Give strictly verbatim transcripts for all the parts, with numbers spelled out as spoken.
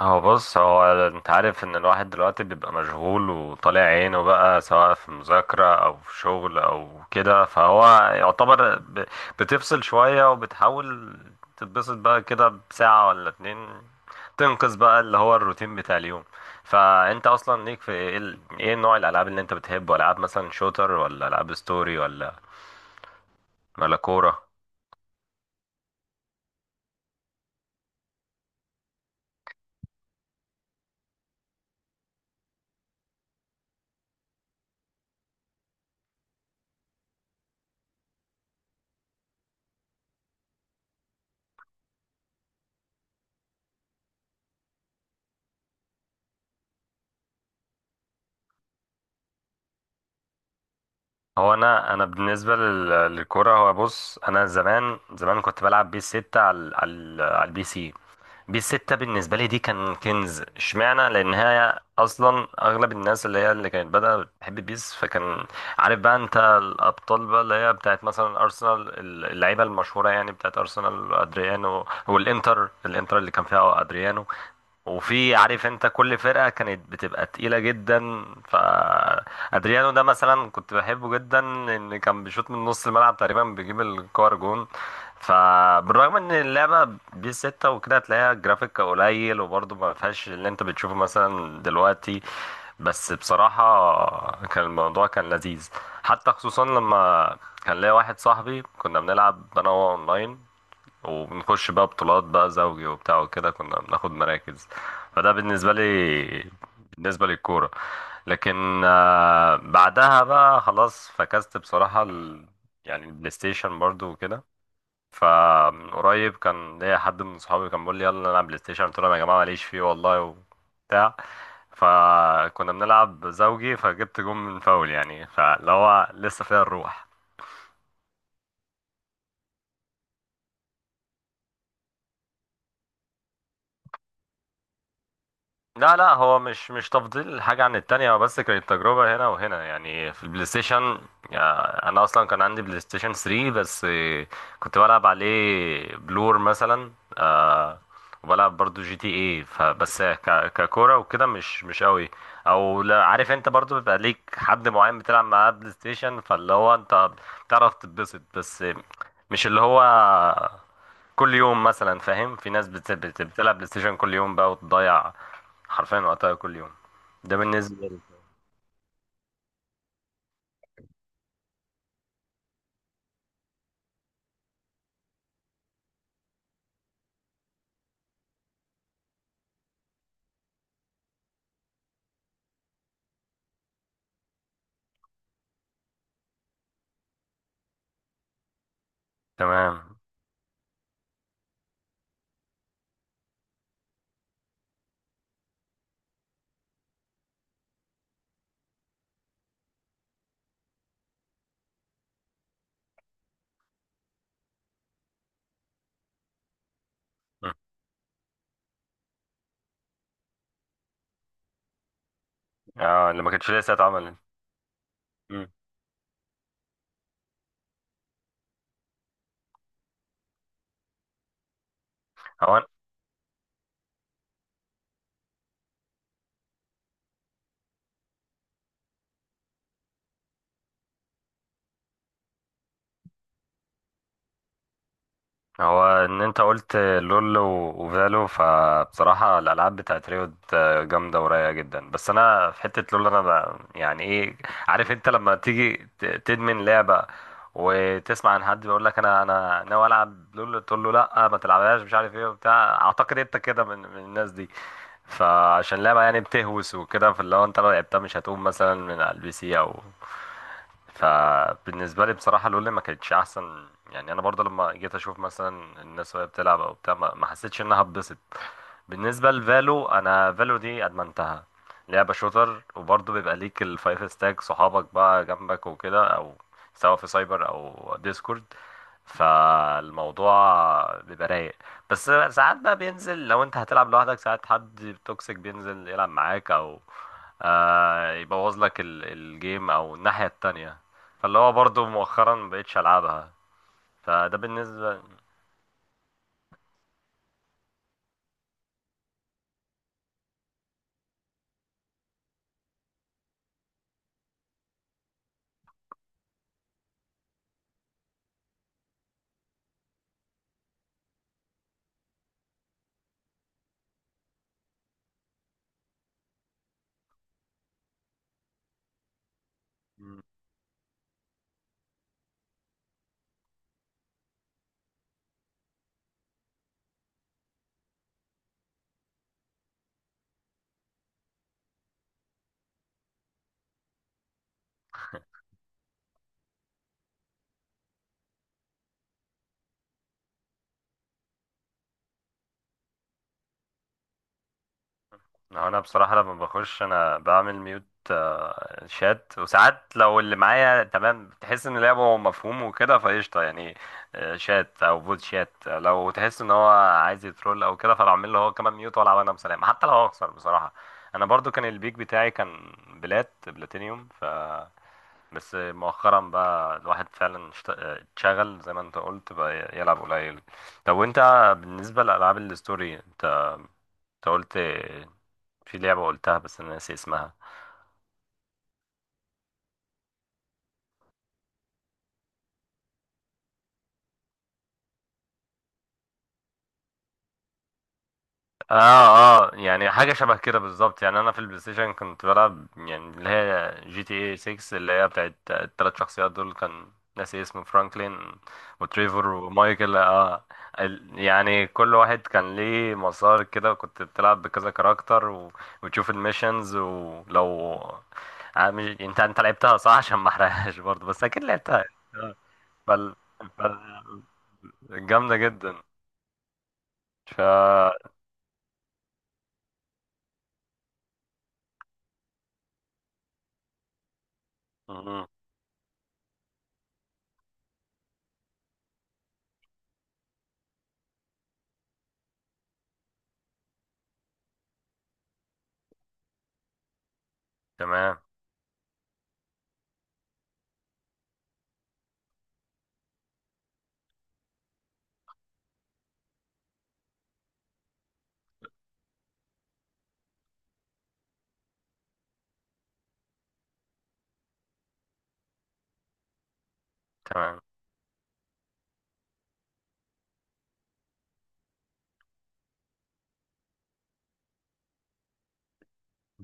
هو بص هو انت عارف ان الواحد دلوقتي بيبقى مشغول وطالع عينه بقى، سواء في مذاكرة او في شغل او كده. فهو يعتبر ب- بتفصل شوية وبتحاول تتبسط بقى كده بساعة ولا اتنين، تنقذ بقى اللي هو الروتين بتاع اليوم. فانت اصلا ليك في ايه؟ ال- ايه نوع الالعاب اللي انت بتحبه؟ العاب مثلا شوتر، ولا العاب ستوري، ولا ولا كورة؟ هو انا انا بالنسبه لل- للكوره، هو بص، انا زمان زمان كنت بلعب بيس ستة على على على البي سي. بيس ستة بالنسبه لي دي كان كنز، اشمعنى؟ لان هي اصلا اغلب الناس اللي هي اللي كانت بدأت بتحب بيس، فكان عارف بقى انت الابطال بقى اللي هي بتاعت مثلا ارسنال. اللعيبه المشهوره يعني بتاعت ارسنال، ادريانو، والانتر، الانتر اللي كان فيها ادريانو. وفي، عارف انت، كل فرقة كانت بتبقى تقيلة جدا. فادريانو ده مثلا كنت بحبه جدا لان كان بيشوط من نص الملعب تقريبا بيجيب الكور جون. فبالرغم ان اللعبة بي ستة وكده، هتلاقيها جرافيك قليل وبرضه ما فيهاش اللي انت بتشوفه مثلا دلوقتي، بس بصراحة كان الموضوع كان لذيذ. حتى خصوصا لما كان ليا واحد صاحبي كنا بنلعب أنا وهو أونلاين، وبنخش بقى بطولات بقى زوجي وبتاع، وكده كنا بناخد مراكز. فده بالنسبة لي، بالنسبة للكورة. لكن آه، بعدها بقى خلاص فكست بصراحة ال... يعني البلاي ستيشن برضو وكده. فمن قريب كان ليا حد من صحابي كان بيقول لي يلا نلعب بلاي ستيشن، قلت لهم يا جماعه ماليش فيه والله وبتاع. فكنا بنلعب زوجي، فجبت جون من فاول يعني، فاللي هو لسه فيها الروح. لا لا، هو مش مش تفضيل حاجة عن التانية، هو بس كانت تجربة هنا وهنا. يعني في البلاي ستيشن، آه، أنا أصلا كان عندي بلاي ستيشن ثلاثة، بس آه، كنت بلعب عليه بلور مثلا، آه، وبلعب برضو جي تي اي. فبس ك- ككورة وكده مش مش قوي. أو لا، عارف أنت برضو بيبقى ليك حد معين بتلعب معاه بلاي ستيشن، فاللي هو أنت بتعرف تتبسط، بس آه، مش اللي هو كل يوم مثلا، فاهم؟ في ناس بت- بت- بتلعب بلاي ستيشن كل يوم بقى وتضيع حرفيا وقتها كل يوم. ده بالنسبة لي. تمام. مم. اه، اللي ما كانتش لسه اتعملت. مم. هو هو ان انت قلت لول و- وفالو، فبصراحة الالعاب بتاعت ريوت جامدة ورايقة جدا. بس انا في حتة لول انا ب- يعني ايه، عارف انت لما تيجي ت- تدمن لعبة وتسمع عن حد بيقول لك انا انا ناوي العب لول، تقول له لا، ما تلعبهاش مش عارف ايه وبتاع. اعتقد انت كده من, من الناس دي، فعشان لعبة يعني بتهوس وكده، فاللي هو انت لو لعبتها مش هتقوم مثلا من على البي سي او. فبالنسبة لي بصراحة لولا ما كانتش أحسن. يعني أنا برضه لما جيت أشوف مثلا الناس وهي بتلعب أو بتاع، ما ما حسيتش إنها اتبسط. بالنسبة لفالو، أنا فالو دي أدمنتها. لعبة شوتر، وبرضه بيبقى ليك الفايف ستاك، صحابك بقى جنبك وكده، أو سواء في سايبر أو ديسكورد، فالموضوع بيبقى رايق. بس ساعات بقى بينزل، لو انت هتلعب لوحدك ساعات حد توكسيك بينزل يلعب معاك، او آه، يبوظ لك ال- الجيم او الناحية التانية. فاللي هو برضو مؤخرا مبقتش العبها. فده بالنسبة. مم. هو انا بصراحة لما بخش انا بعمل ميوت آه، شات، وساعات لو اللي معايا تمام تحس ان لعبه مفهوم وكده، فقشطة يعني. آه، شات او بوت شات، آه، لو تحس ان هو عايز يترول او كده، فبعمل له هو كمان ميوت والعب انا بسلام، حتى لو هخسر بصراحة. انا برضو كان البيك بتاعي كان بلات بلاتينيوم ف بس مؤخرا بقى الواحد فعلا اشت- اتشغل زي ما انت قلت بقى، يلعب قليل. طب وانت، بالنسبة لألعاب الستوري، انت انت قلت في لعبة قلتها بس انا ناسي اسمها. اه، اه، يعني حاجه شبه كده بالظبط. يعني انا في البلاي ستيشن كنت بلعب يعني اللي هي جي تي اي ستة، اللي هي بتاعت الثلاث شخصيات دول، كان ناسي اسمه، فرانكلين وتريفر ومايكل. اه، ال- يعني كل واحد كان ليه مسار كده، وكنت بتلعب بكذا كاركتر و... وتشوف الميشنز، ولو آه، مش... انت انت لعبتها صح عشان ما احرقهاش برضه، بس اكيد لعبتها. آه. فال... فال... جامده جدا. ف. مم. تمام. تمام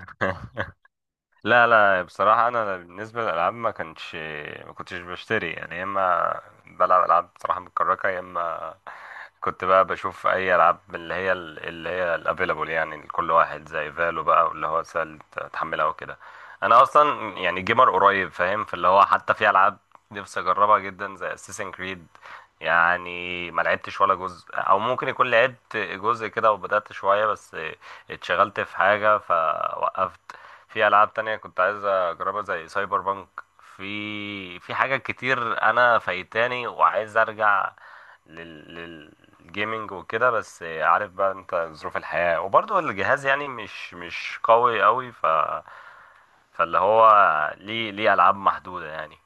لا لا، بصراحة أنا بالنسبة للألعاب ما كانش، ما كنتش بشتري يعني. يا إما بلعب ألعاب بصراحة متكركة، يا إما كنت بقى بشوف أي ألعاب من اللي هي اللي هي الأفيلابل، يعني لكل واحد زي فالو بقى، واللي هو سهل تحملها وكده. أنا أصلا يعني جيمر قريب، فاهم؟ فاللي هو حتى في ألعاب نفسي أجربها جدا زي أساسن كريد، يعني ما لعبتش ولا جزء، او ممكن يكون لعبت جزء كده وبدأت شوية بس اتشغلت في حاجة فوقفت. في العاب تانية كنت عايز اجربها زي سايبر بانك. في في حاجات كتير انا فايتاني وعايز ارجع لل... للجيمنج وكده، بس عارف بقى انت ظروف الحياة وبرضه الجهاز يعني مش مش قوي قوي. ف فاللي هو ليه ليه العاب محدودة يعني.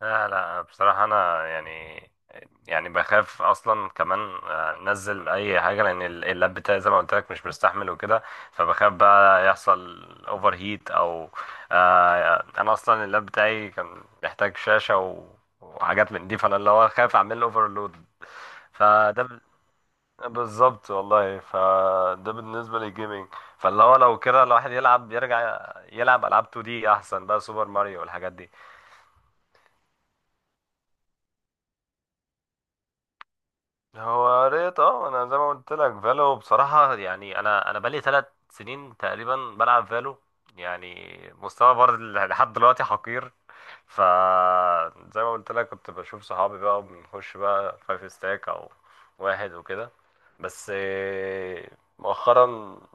لا لا، بصراحة أنا يعني يعني بخاف أصلا كمان آه، أنزل أي حاجة، لأن ال- اللاب بتاعي زي ما قلت لك مش مستحمل وكده، فبخاف بقى يحصل أوفر هيت أو آه، أنا أصلا اللاب بتاعي كان محتاج شاشة و- وحاجات من دي، فأنا اللي هو خايف أعمل أوفرلود. فده ب- بالظبط والله. فده بالنسبة للجيمنج. فاللي هو لو كده الواحد يلعب، يرجع يلعب ألعاب تو دي أحسن بقى، سوبر ماريو والحاجات دي. هو قريت، اه، انا زي ما قلت لك فالو، بصراحة يعني انا انا بقالي ثلاث سنين تقريبا بلعب فالو. يعني مستوى برضه لحد دلوقتي حقير. ف زي ما قلت لك كنت بشوف صحابي بقى، بنخش بقى فايف ستاك او واحد وكده. بس آه، مؤخرا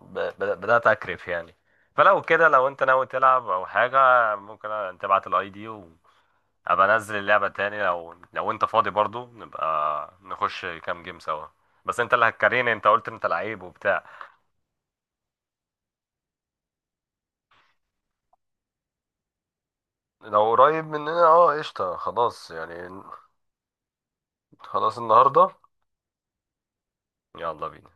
ب- ب- بدأت اكرف يعني. فلو كده لو انت ناوي تلعب او حاجة، ممكن تبعت الاي دي، ابقى انزل اللعبة تاني. لو لو انت فاضي برضو، نبقى نخش كام جيم سوا. بس انت اللي هتكريني، انت قلت انت لعيب وبتاع. لو قريب مننا، اه قشطة خلاص يعني. خلاص النهاردة، يلا بينا.